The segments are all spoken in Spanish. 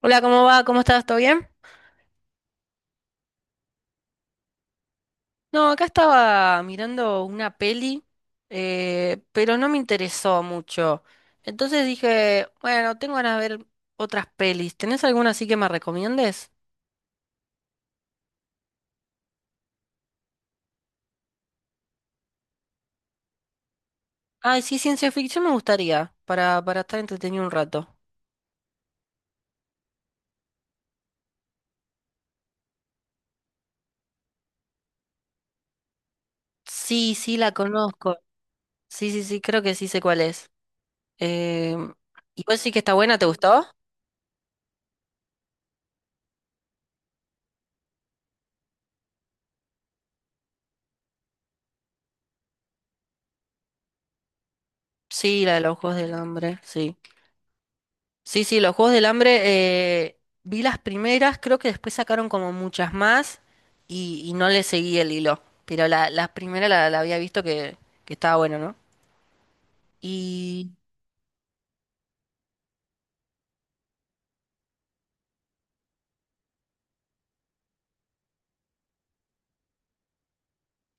Hola, ¿cómo va? ¿Cómo estás? ¿Todo bien? No, acá estaba mirando una peli, pero no me interesó mucho. Entonces dije, bueno, tengo ganas de ver otras pelis. ¿Tenés alguna así que me recomiendes? Ay, sí, ciencia ficción me gustaría, para estar entretenido un rato. Sí, sí, la conozco. Sí, sí, sí, creo que sí sé cuál es. Eh, ¿Y vos sí que está buena? ¿Te gustó? Sí, la de los Juegos del Hambre, sí. Sí, sí, los Juegos del Hambre, vi las primeras, creo que después sacaron como muchas más y no le seguí el hilo, pero la primera la había visto que estaba bueno, ¿no? Y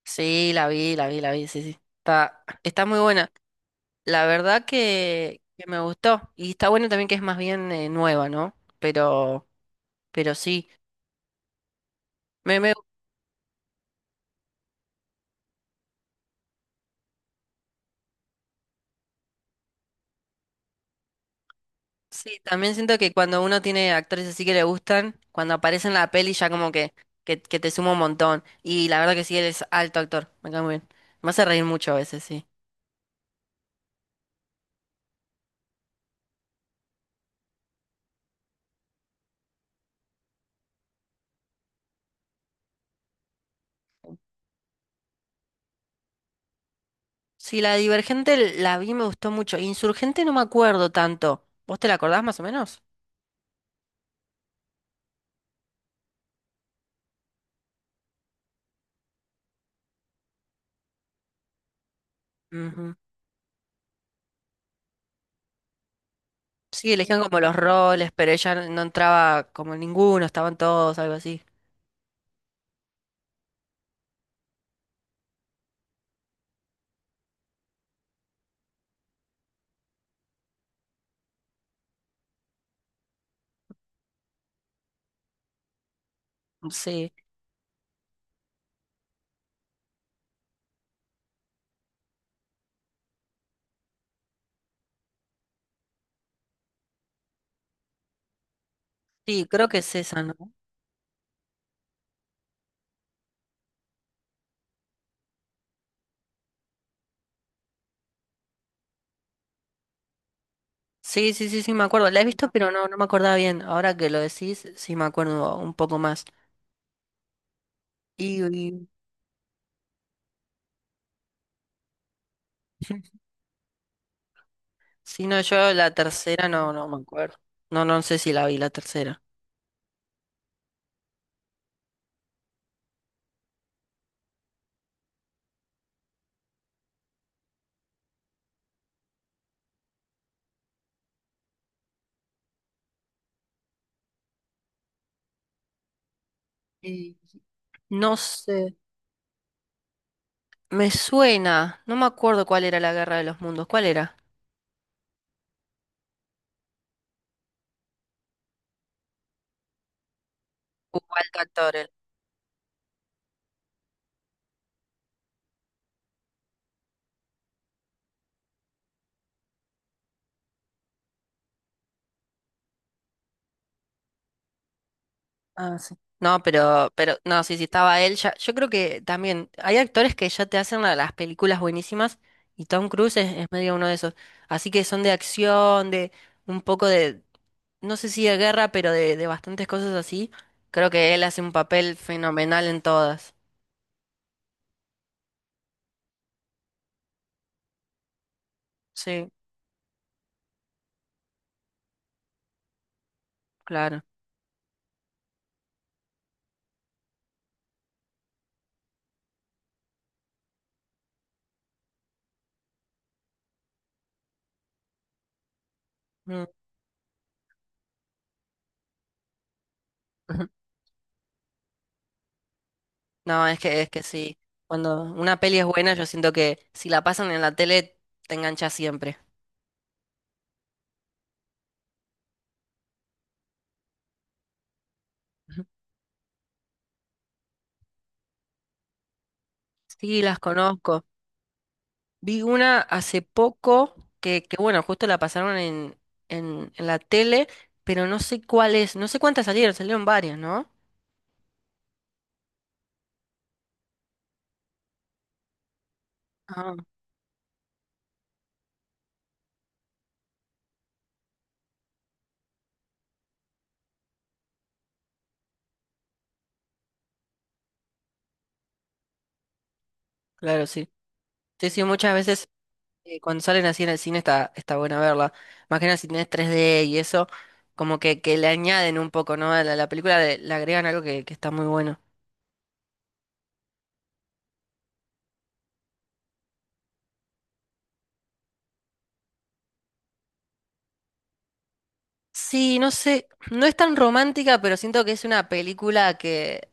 sí, la vi, la vi, la vi, sí, sí, está, está muy buena. La verdad que me gustó y está bueno también que es más bien nueva, ¿no? Pero sí, me me sí, también siento que cuando uno tiene actores así que le gustan, cuando aparece en la peli ya como que te suma un montón. Y la verdad que sí, él es alto actor, me cae muy bien. Me hace reír mucho a veces, sí. Sí, la Divergente la vi, me gustó mucho. Insurgente no me acuerdo tanto. ¿Vos te la acordás más o menos? Ujú. Sí, elegían como los roles, pero ella no entraba como en ninguno, estaban todos, algo así. Sí, sí, creo que es esa, ¿no? Sí, sí, sí, sí, me acuerdo. La he visto, pero no, no me acordaba bien. Ahora que lo decís, sí me acuerdo un poco más. Y, y- si no, yo la tercera no, no me acuerdo. No, no sé si la vi la tercera. Y no sé. Me suena. No me acuerdo cuál era la Guerra de los Mundos. ¿Cuál era? Hubo alto actor. Ah, sí. No, pero, no, sí, sí estaba él ya. Yo creo que también hay actores que ya te hacen las películas buenísimas y Tom Cruise es medio uno de esos. Así que son de acción, de un poco no sé si de guerra, pero de bastantes cosas así. Creo que él hace un papel fenomenal en todas. Sí, claro. Mm. No, es que sí. Cuando una peli es buena, yo siento que si la pasan en la tele, te engancha siempre. Ujú. Sí, las conozco. Vi una hace poco bueno, justo la pasaron en la tele, pero no sé cuál es, no sé cuántas salieron, salieron varias, ¿no? Ah, claro, sí. Sí, sí, muchas veces cuando salen así en el cine está, está buena verla. Más que nada si tenés 3D y eso, como que le añaden un poco, ¿no? A la película le agregan algo que está muy bueno. Sí, no sé, no es tan romántica, pero siento que es una película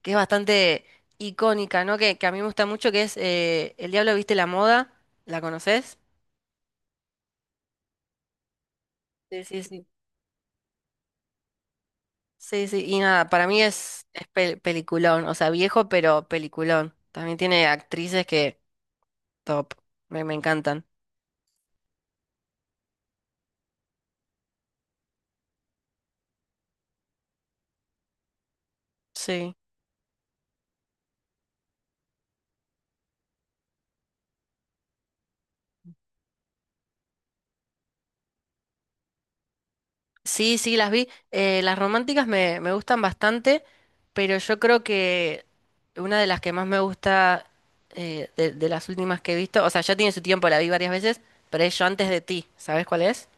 que es bastante icónica, ¿no? Que a mí me gusta mucho, que es El Diablo Viste la Moda, ¿la conoces? Sí, sí, sí. Sí, sí, y nada, para mí es peliculón, o sea, viejo, pero peliculón. También tiene actrices que, top, me encantan. Sí. Sí, sí, las vi. Las románticas me gustan bastante, pero yo creo que una de las que más me gusta de las últimas que he visto, o sea, ya tiene su tiempo, la vi varias veces, pero es Yo antes de ti, ¿sabes cuál es?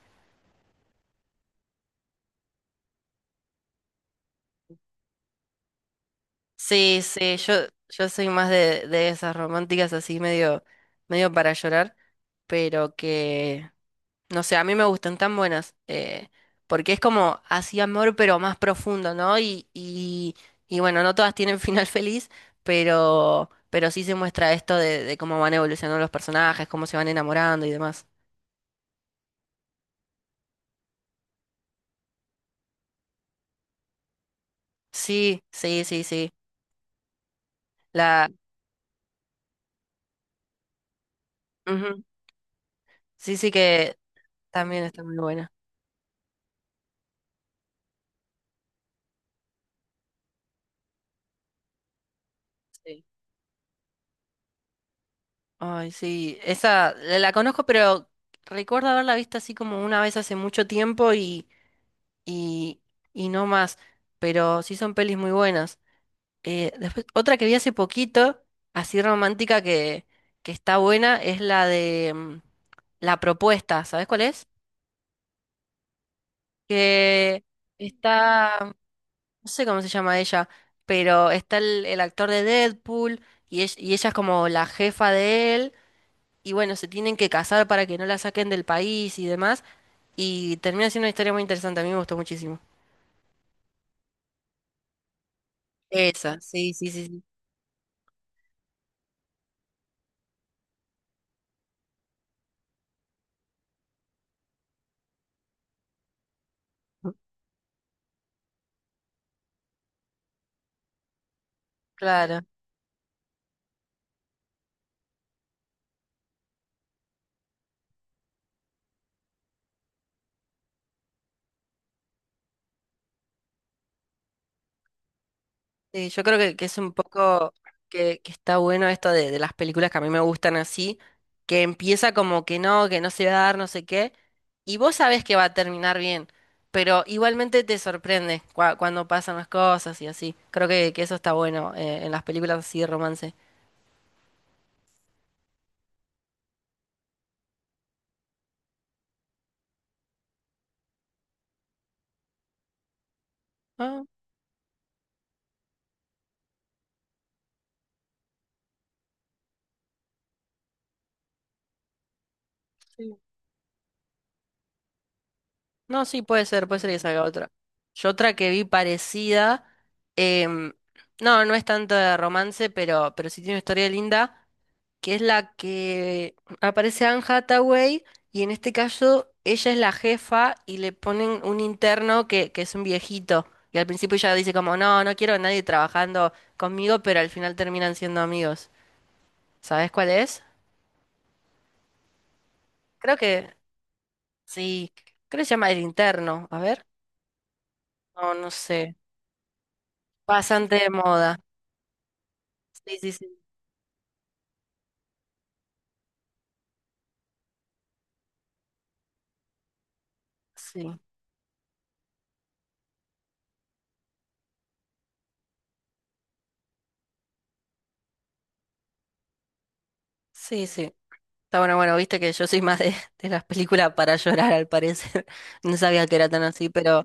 Sí, sí, yo soy más de esas románticas así medio para llorar, pero que, no sé, a mí me gustan tan buenas, porque es como así amor, pero más profundo, ¿no? Y bueno, no todas tienen final feliz, pero sí se muestra esto de cómo van evolucionando los personajes, cómo se van enamorando y demás. Sí, sí, sí, sí. La, ujú, sí, sí que también está muy buena. Sí. Ay, sí, esa la conozco, pero recuerdo haberla visto así como una vez hace mucho tiempo y, y no más, pero sí son pelis muy buenas. Después, otra que vi hace poquito, así romántica que está buena, es la de La Propuesta, ¿sabes cuál es? Que está, no sé cómo se llama ella, pero está el actor de Deadpool y ella es como la jefa de él. Y bueno, se tienen que casar para que no la saquen del país y demás, y termina siendo una historia muy interesante, a mí me gustó muchísimo. Esa, sí, sí, sí, sí, claro. Sí, yo creo que es un poco que está bueno esto de las películas que a mí me gustan así, que empieza como que no se va a dar, no sé qué, y vos sabés que va a terminar bien, pero igualmente te sorprende cuando pasan las cosas y así. Creo que eso está bueno en las películas así de romance. Ah, sí. No, sí, puede ser que salga otra. Yo otra que vi parecida, em, no, no es tanto de romance, pero sí tiene una historia linda, que es la que aparece Anne Hathaway y en este caso ella es la jefa y le ponen un interno que es un viejito. Y al principio ella dice como, no, no quiero a nadie trabajando conmigo, pero al final terminan siendo amigos. ¿Sabes cuál es? Creo que sí, creo que se llama El Interno. A ver, no, no sé. Bastante de moda. Sí, sí, sí, sí, sí, sí. Está bueno, bueno, viste que yo soy más de las películas para llorar, al parecer. No sabía que era tan así,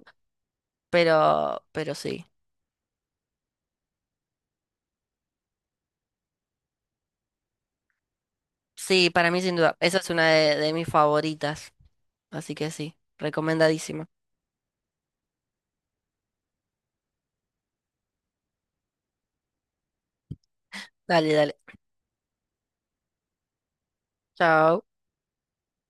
pero sí. Sí, para mí sin duda. Esa es una de mis favoritas. Así que sí, recomendadísima. Dale, dale. Chao.